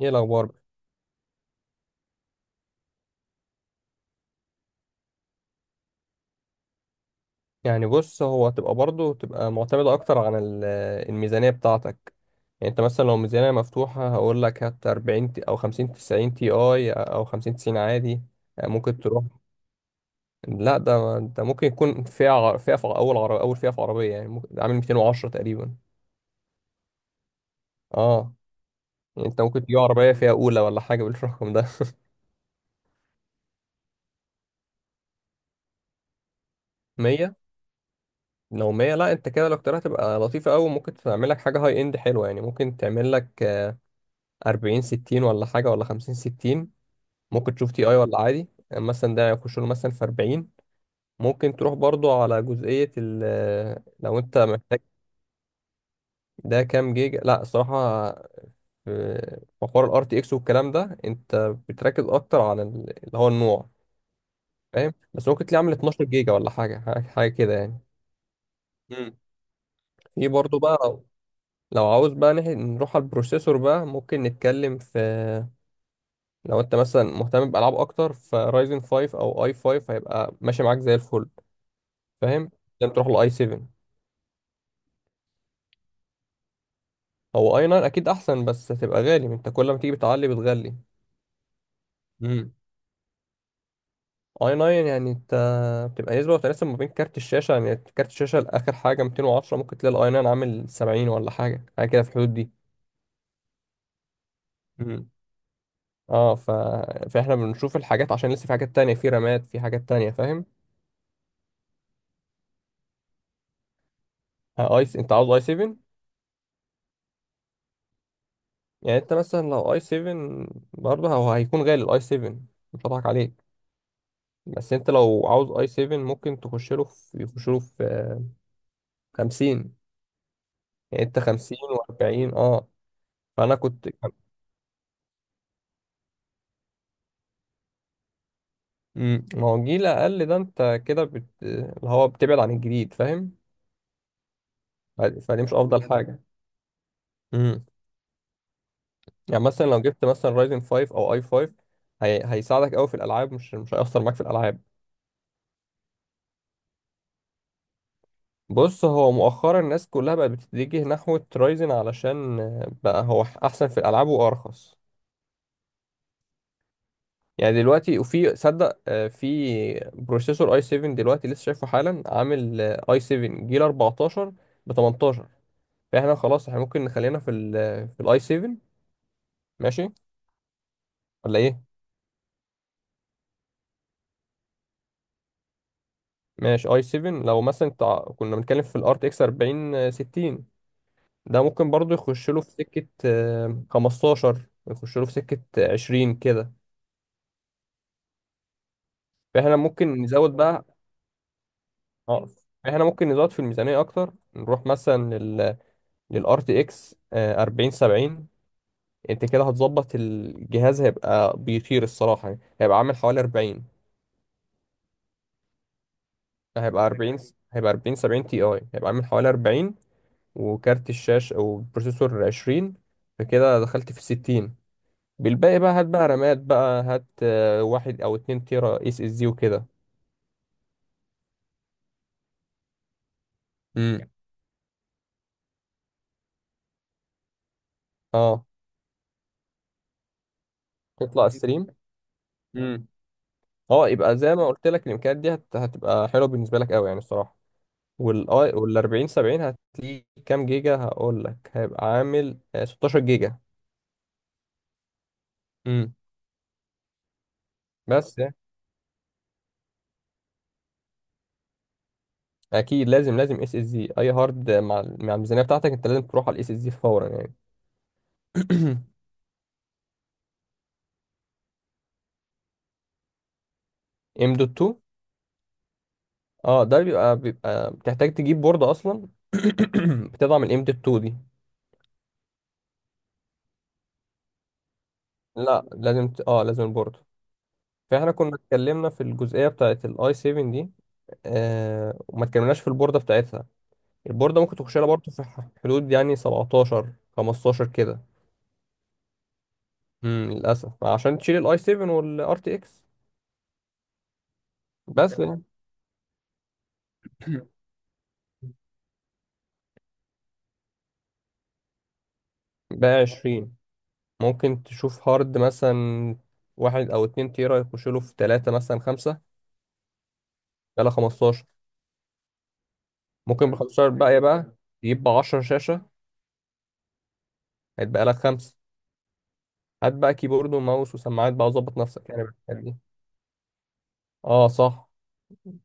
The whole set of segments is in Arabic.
ايه الاخبار؟ يعني بص، هو هتبقى برضه تبقى معتمده اكتر عن الميزانيه بتاعتك. يعني انت مثلا لو ميزانيه مفتوحه هقول لك هات 40 او 50 90 تي اي، او 50 90 عادي. ممكن تروح. لا، ده ممكن يكون فئه فئه في اول عربيه، اول فئه في عربيه، يعني ممكن ده عامل 210 تقريبا. اه يعني انت ممكن تجيب عربيه فئه اولى ولا حاجه بالرقم ده. 100؟ لو 100 لا، انت كده لو اخترتها تبقى لطيفه قوي، ممكن تعمل لك حاجه هاي اند حلوه، يعني ممكن تعمل لك 40 60 ولا حاجة، ولا 50 60. ممكن تشوف تي اي ولا عادي، يعني مثلا ده يخش له مثلا في 40. ممكن تروح برضو على جزئية لو انت محتاج. ده كام جيجا؟ لا، الصراحة في حوار الار تي اكس والكلام ده انت بتركز اكتر على اللي هو النوع. فاهم؟ بس ممكن تلاقيه عامل 12 جيجا ولا حاجة كده يعني. مم. في برضو بقى، لو عاوز بقى نروح على البروسيسور بقى، ممكن نتكلم في، لو انت مثلا مهتم بألعاب اكتر، فرايزن 5 او اي 5 هيبقى ماشي معاك زي الفل. فاهم؟ لازم تروح لاي 7. هو اي 9 اكيد احسن، بس هتبقى غالي، انت كل ما تيجي بتعلي بتغلي. امم اي 9 يعني انت بتبقى نسبة وتناسب ما بين كارت الشاشة، يعني كارت الشاشة لآخر حاجة 210، ممكن تلاقي الاي 9 عامل 70 ولا حاجة كده في الحدود دي. امم اه فاحنا بنشوف الحاجات، عشان لسه في حاجات تانية، في رامات، في حاجات تانية. فاهم؟ انت عاوز اي 7؟ يعني انت مثلا لو اي 7 برضه هو هيكون غالي الاي 7، مش هضحك عليك. بس انت لو عاوز اي 7 ممكن تخش له في، يخش له في 50. يعني انت 50 و40، اه. فانا كنت. مم. ما هو الجيل اقل ده، انت كده اللي هو بتبعد عن الجديد، فاهم؟ فدي مش افضل حاجه. امم يعني مثلا لو جبت مثلا رايزن 5 او اي 5، هيساعدك قوي في الالعاب، مش هيأثر معاك في الالعاب. بص، هو مؤخرا الناس كلها بقت بتتجه نحو رايزن علشان، بقى هو احسن في الالعاب وارخص يعني دلوقتي. وفي صدق في بروسيسور اي 7 دلوقتي لسه شايفه حالا، عامل اي 7 جيل 14 ب 18. فاحنا خلاص، احنا ممكن نخلينا في ال في الاي 7. ماشي، ولا ايه؟ ماشي اي 7. لو مثلا كنا بنتكلم في الار تي اكس 40 60، ده ممكن برضو يخش له في سكة 15، يخش له في سكة 20 كده. فاحنا ممكن نزود بقى. اه، احنا ممكن نزود في الميزانية اكتر، نروح مثلا لل، للار تي اكس 40 70. انت كده هتظبط الجهاز، هيبقى بيطير الصراحة يعني. هيبقى عامل حوالي 40. هيبقى 40 هيبقى 40 70 تي اي هيبقى عامل حوالي 40، وكارت الشاشة أو بروسيسور عشرين، فكده دخلت في الستين. بالباقي بقى هات بقى رامات بقى، هات واحد أو اتنين تيرا اس اس دي وكده. امم اه، تطلع السليم. امم اه، يبقى زي ما قلت لك، الامكانيات دي هتبقى حلوه بالنسبه لك قوي يعني الصراحه. والاي وال 40 70 هتلاقيه كام جيجا، هقول لك هيبقى عامل 16 جيجا. امم بس يعني، اكيد لازم اس اس دي، اي هارد مع الميزانيه بتاعتك انت لازم تروح على الاس اس دي فورا يعني. ام دوت. اه، ده بيبقى بتحتاج تجيب بوردة اصلا. بتضع من قيمة التو دي. لا، لازم ت... اه لازم البوردة. فاحنا كنا اتكلمنا في الجزئية بتاعت الاي 7 دي، وما اتكلمناش في البوردة بتاعتها. البوردة ممكن تخش لها برضه في حدود يعني 17 15 كده. للأسف، عشان تشيل الاي 7 والار تي اكس. بس يعني، بقى 20. ممكن تشوف هارد مثلا، واحد او اتنين تيرا، يخش له في تلاتة مثلا، خمسة. بقى 15. ممكن ب 15 بقى تجيب ب 10 شاشة. هيتبقى لك خمسة. هات بقى كيبورد وماوس وسماعات بقى، وظبط نفسك يعني بالحاجات دي. اه صح.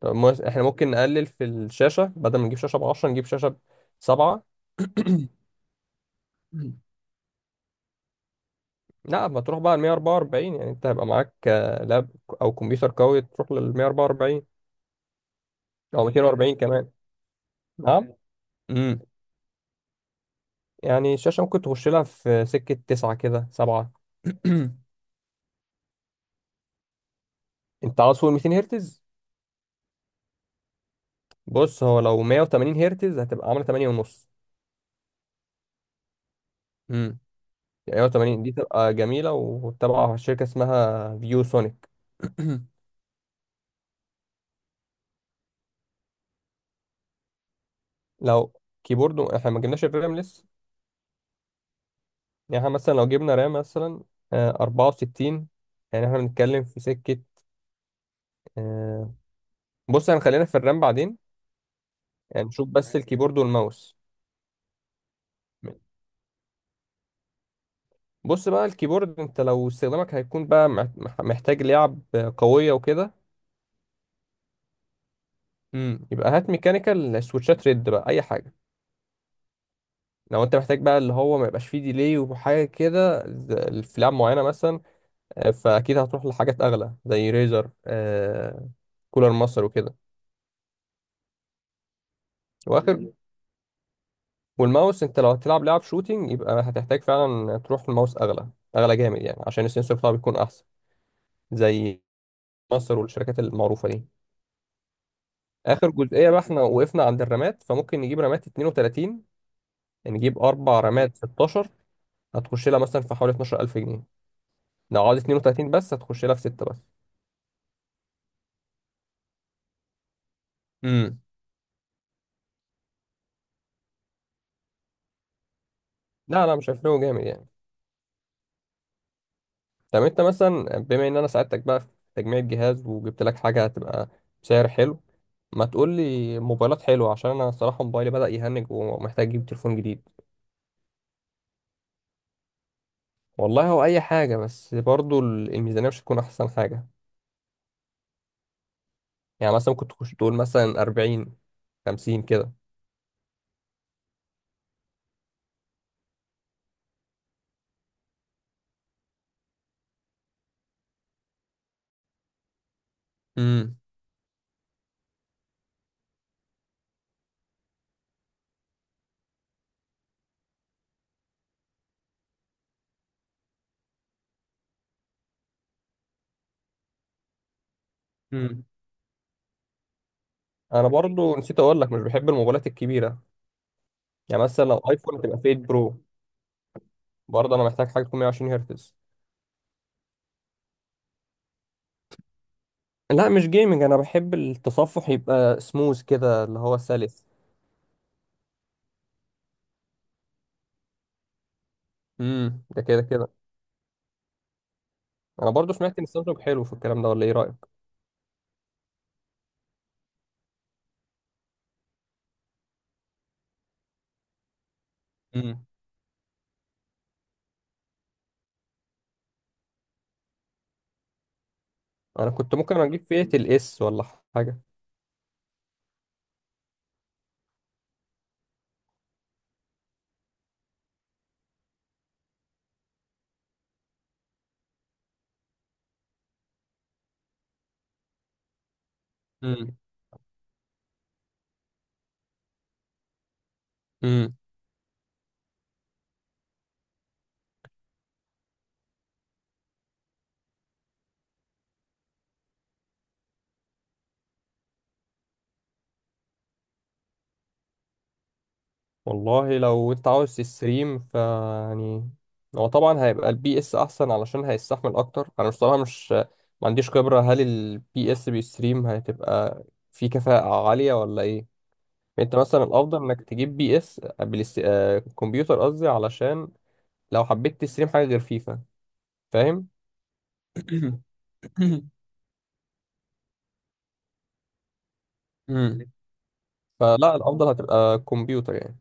طب احنا ممكن نقلل في الشاشة، بدل ما نجيب شاشة ب 10، نجيب شاشة ب 7. لا، ما تروح بقى ال 144، يعني انت هيبقى معاك لاب او كمبيوتر قوي، تروح لل 144، او 240 كمان. نعم. امم يعني الشاشة ممكن تخش لها في سكة 9 كده، 7. انت عاوز فوق ال 200 هرتز. بص، هو لو 180 هرتز هتبقى عامله 8 ونص. امم يعني 80 دي تبقى جميلة، وتبع شركة اسمها فيو سونيك. لو كيبورد، احنا ما جبناش الرام لسه. يعني احنا مثلا لو جبنا رام مثلا 64، يعني احنا بنتكلم في سكة آه، بص هنخلينا في الرام بعدين، يعني نشوف بس الكيبورد والماوس. بص بقى، الكيبورد انت لو استخدامك هيكون بقى محتاج لعب قوية وكده. يبقى هات ميكانيكال، سويتشات ريد بقى، اي حاجة. لو انت محتاج بقى اللي هو ما يبقاش فيه ديلي وحاجة كده، في لعب معينة مثلا. فاكيد هتروح لحاجات اغلى زي ريزر، كولر ماستر وكده. واخر. والماوس انت لو هتلعب لعب شوتينج، يبقى هتحتاج فعلا تروح لماوس اغلى، اغلى جامد يعني عشان السنسور بتاعه بيكون احسن. زي ماستر والشركات المعروفه دي. اخر جزئيه بقى، احنا وقفنا عند الرامات، فممكن نجيب رامات 32، نجيب اربع رامات 16، هتخش لها مثلا في حوالي 12000 جنيه. لو عاوز 32 بس هتخش لها في 6 بس. امم لا لا، مش هيفرقوا جامد يعني. طب، انت مثلا، بما ان انا ساعدتك بقى في تجميع الجهاز، وجبت لك حاجه هتبقى بسعر حلو، ما تقول لي موبايلات حلوه، عشان انا الصراحه موبايلي بدأ يهنج ومحتاج اجيب تليفون جديد. والله، هو اي حاجه، بس برضو الميزانيه مش هتكون احسن حاجه. يعني مثلا كنت تخش تقول مثلا 40 50 كده. امم امم انا برضو نسيت اقول لك، مش بحب الموبايلات الكبيره. يعني مثلا لو ايفون تبقى فئه برو، برضه انا محتاج حاجه تكون 120 هرتز. لا، مش جيمنج، انا بحب التصفح يبقى سموث كده، اللي هو سلس. ده كده كده. انا برضو سمعت ان سامسونج حلو في الكلام ده، ولا ايه رايك؟ امم انا كنت ممكن اجيب فئه الاس، ولا حاجه. امم امم والله، لو انت عاوز تستريم، يعني هو طبعا هيبقى البي اس احسن، علشان هيستحمل اكتر. انا بصراحه مش ما عنديش خبره، هل البي اس بيستريم هتبقى في كفاءه عاليه ولا ايه. انت مثلا الافضل انك تجيب بي اس كمبيوتر قصدي، علشان لو حبيت تستريم حاجه غير فيفا، فاهم؟ مم. فلا، الافضل هتبقى كمبيوتر يعني.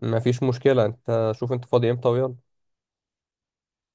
ما فيش مشكله، انت شوف انت فاضي امتى ويلا.